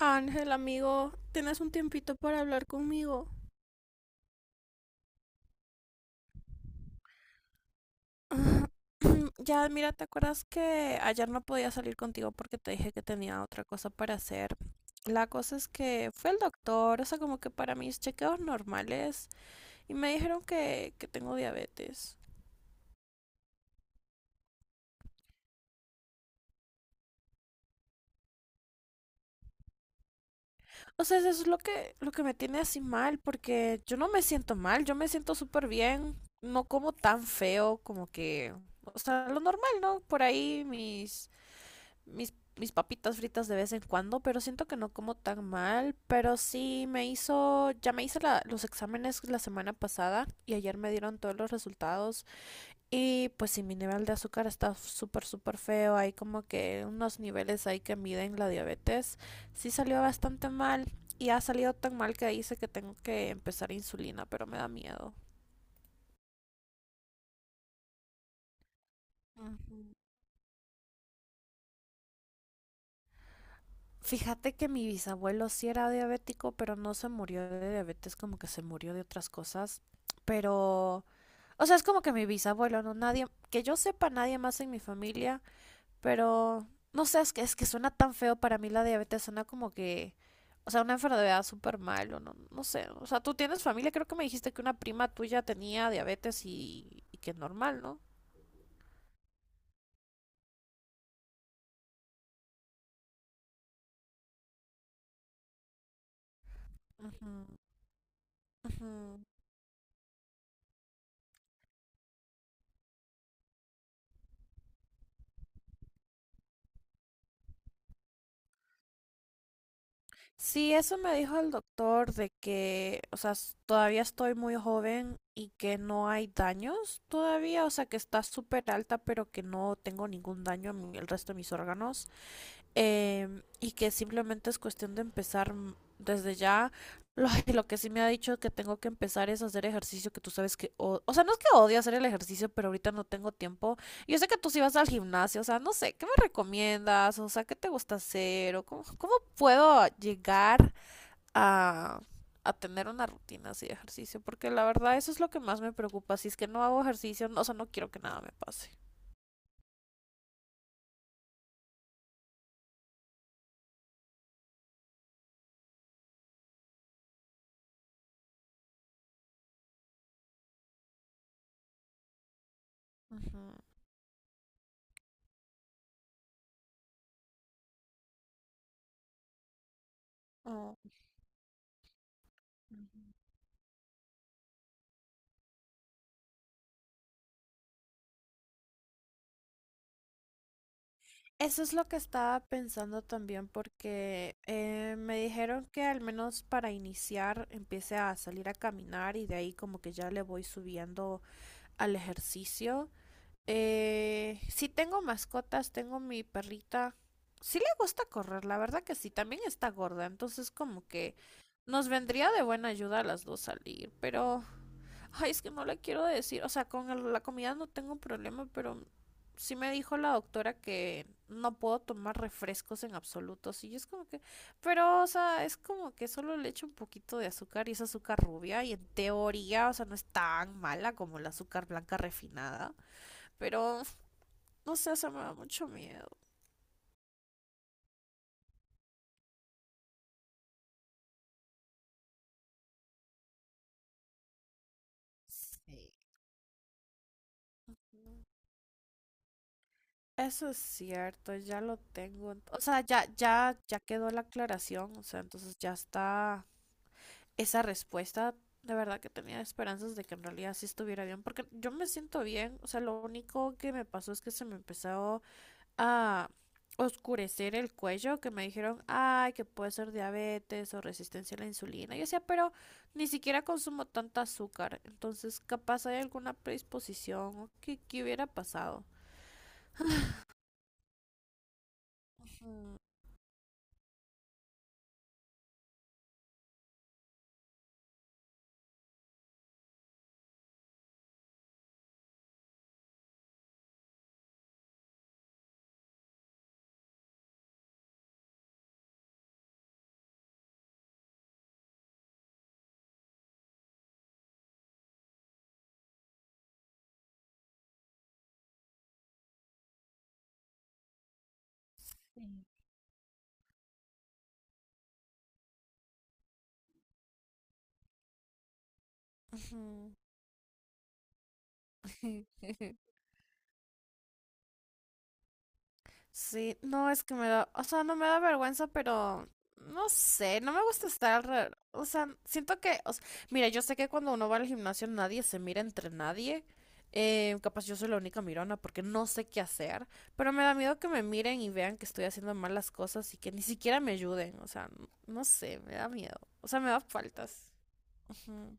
Ángel, amigo, ¿tienes un tiempito para hablar conmigo? Ya, mira, ¿te acuerdas que ayer no podía salir contigo porque te dije que tenía otra cosa para hacer? La cosa es que fui al doctor, o sea, como que para mis chequeos normales, y me dijeron que tengo diabetes. O sea, eso es lo que me tiene así mal, porque yo no me siento mal, yo me siento súper bien, no como tan feo como que, o sea, lo normal, ¿no? Por ahí mis papitas fritas de vez en cuando, pero siento que no como tan mal. Pero sí me hizo, ya me hice los exámenes la semana pasada y ayer me dieron todos los resultados. Y pues sí, mi nivel de azúcar está súper feo. Hay como que unos niveles ahí que miden la diabetes. Sí salió bastante mal y ha salido tan mal que dice que tengo que empezar insulina, pero me da miedo. Ujú. Fíjate que mi bisabuelo sí era diabético, pero no se murió de diabetes, como que se murió de otras cosas. Pero, o sea, es como que mi bisabuelo, no nadie, que yo sepa nadie más en mi familia, pero no sé, es que suena tan feo para mí la diabetes, suena como que, o sea, una enfermedad súper mal, o no, no sé, o sea, tú tienes familia, creo que me dijiste que una prima tuya tenía diabetes y que es normal, ¿no? Ujú, ujú. Sí, eso me dijo el doctor de que, o sea, todavía estoy muy joven y que no hay daños todavía, o sea, que está súper alta, pero que no tengo ningún daño en el resto de mis órganos, y que simplemente es cuestión de empezar desde ya. Lo, lo que sí me ha dicho que tengo que empezar es hacer ejercicio, que tú sabes que... o sea, no es que odie hacer el ejercicio, pero ahorita no tengo tiempo. Yo sé que tú sí vas al gimnasio, o sea, no sé, ¿qué me recomiendas? O sea, ¿qué te gusta hacer? ¿O cómo, cómo puedo llegar a, a tener una rutina así de ejercicio? Porque la verdad eso es lo que más me preocupa. Si es que no hago ejercicio, o sea, no quiero que nada me pase. Ujú. Eso es lo que estaba pensando también porque me dijeron que al menos para iniciar empiece a salir a caminar y de ahí como que ya le voy subiendo al ejercicio. Sí tengo mascotas, tengo mi perrita. Sí le gusta correr, la verdad que sí, también está gorda, entonces como que nos vendría de buena ayuda a las dos salir, pero... Ay, es que no le quiero decir, o sea, con la comida no tengo problema, pero sí me dijo la doctora que no puedo tomar refrescos en absoluto, sí, y es como que, pero, o sea, es como que solo le echo un poquito de azúcar y es azúcar rubia y en teoría, o sea, no es tan mala como el azúcar blanca refinada, pero, no sé, o sea, me da mucho miedo. Sí. Eso es cierto, ya lo tengo. O sea, ya quedó la aclaración. O sea, entonces ya está esa respuesta, de verdad que tenía esperanzas de que en realidad sí estuviera bien, porque yo me siento bien, o sea, lo único que me pasó es que se me empezó a oscurecer el cuello, que me dijeron, ay, que puede ser diabetes o resistencia a la insulina. Yo decía, pero ni siquiera consumo tanta azúcar, entonces capaz hay alguna predisposición o qué hubiera pasado. Ujú. Sí. Ujú. Sí, no es que me da, o sea, no me da vergüenza, pero no sé, no me gusta estar alrededor, o sea, siento que, o sea, mira, yo sé que cuando uno va al gimnasio nadie se mira entre nadie, capaz yo soy la única mirona porque no sé qué hacer, pero me da miedo que me miren y vean que estoy haciendo mal las cosas y que ni siquiera me ayuden, o sea, no sé, me da miedo, o sea, me da faltas. Ujú,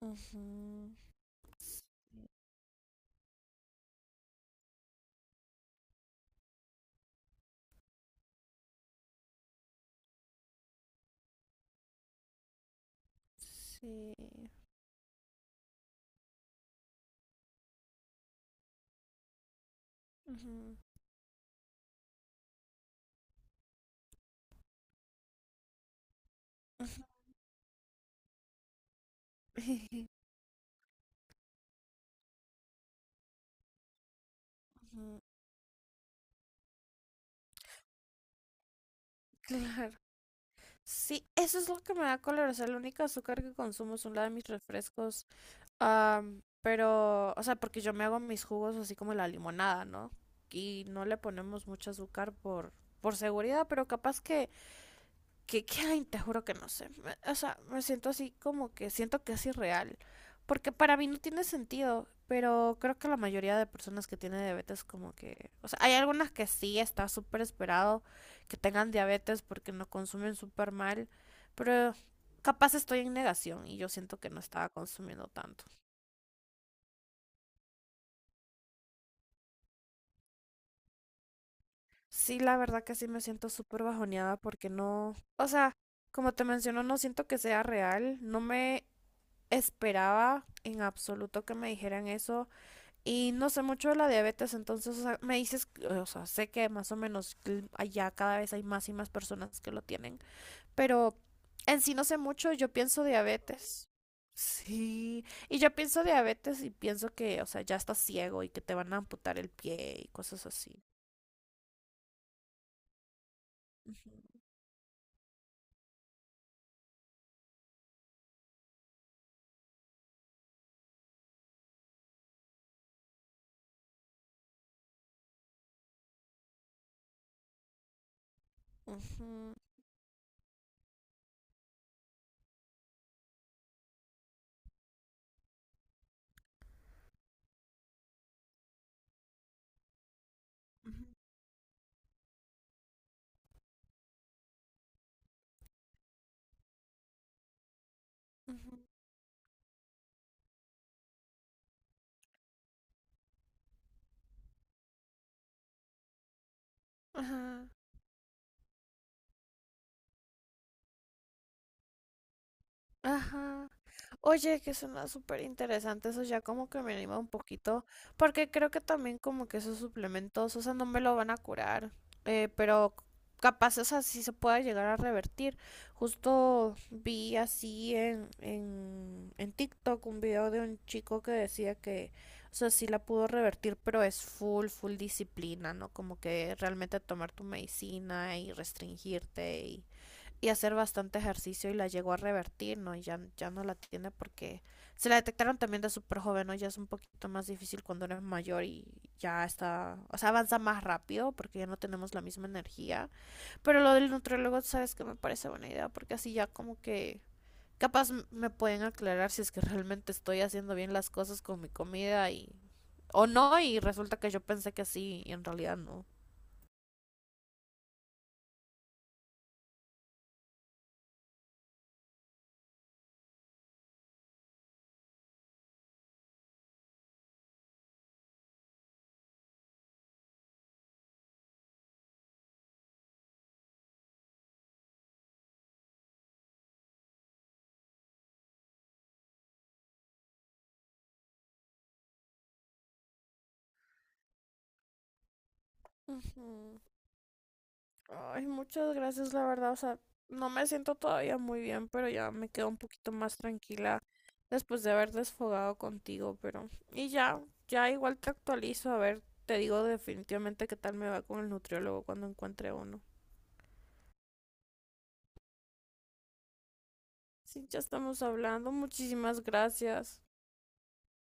ujú. Sí. Ujú, ujú. Ujú. Claro. Sí, eso es lo que me da color. O sea, el único azúcar que consumo es una de mis refrescos. Pero, o sea, porque yo me hago mis jugos así como la limonada, ¿no? Y no le ponemos mucho azúcar por seguridad, pero capaz que ay, te juro que no sé. O sea, me siento así como que siento que es irreal. Porque para mí no tiene sentido, pero creo que la mayoría de personas que tienen diabetes como que, o sea, hay algunas que sí está súper esperado que tengan diabetes porque no consumen súper mal, pero capaz estoy en negación y yo siento que no estaba consumiendo tanto. Sí, la verdad que sí me siento súper bajoneada porque no, o sea, como te menciono, no siento que sea real, no me esperaba en absoluto que me dijeran eso. Y no sé mucho de la diabetes, entonces o sea, me dices, o sea, sé que más o menos allá cada vez hay más y más personas que lo tienen, pero en sí no sé mucho, yo pienso diabetes. Sí, y yo pienso diabetes y pienso que, o sea, ya estás ciego y que te van a amputar el pie y cosas así. Ujú, ujú, ujú, ujú, ajá. Ajá. Oye, que suena súper interesante, eso ya como que me anima un poquito, porque creo que también como que esos suplementos, o sea, no me lo van a curar, pero capaz, o sea, sí se pueda llegar a revertir. Justo vi así en TikTok un video de un chico que decía que, o sea, sí la pudo revertir, pero es full disciplina, ¿no? Como que realmente tomar tu medicina y restringirte y hacer bastante ejercicio y la llegó a revertir, ¿no? Y ya no la tiene porque se la detectaron también de súper joven, ¿no? Ya es un poquito más difícil cuando eres mayor y ya está, o sea, avanza más rápido porque ya no tenemos la misma energía. Pero lo del nutriólogo, sabes que me parece buena idea porque así ya como que capaz me pueden aclarar si es que realmente estoy haciendo bien las cosas con mi comida y o no y resulta que yo pensé que sí y en realidad no. Ujú. Ay, muchas gracias, la verdad. O sea, no me siento todavía muy bien, pero ya me quedo un poquito más tranquila después de haber desfogado contigo, pero... Y ya igual te actualizo, a ver, te digo definitivamente qué tal me va con el nutriólogo cuando encuentre uno. Sí, ya estamos hablando. Muchísimas gracias.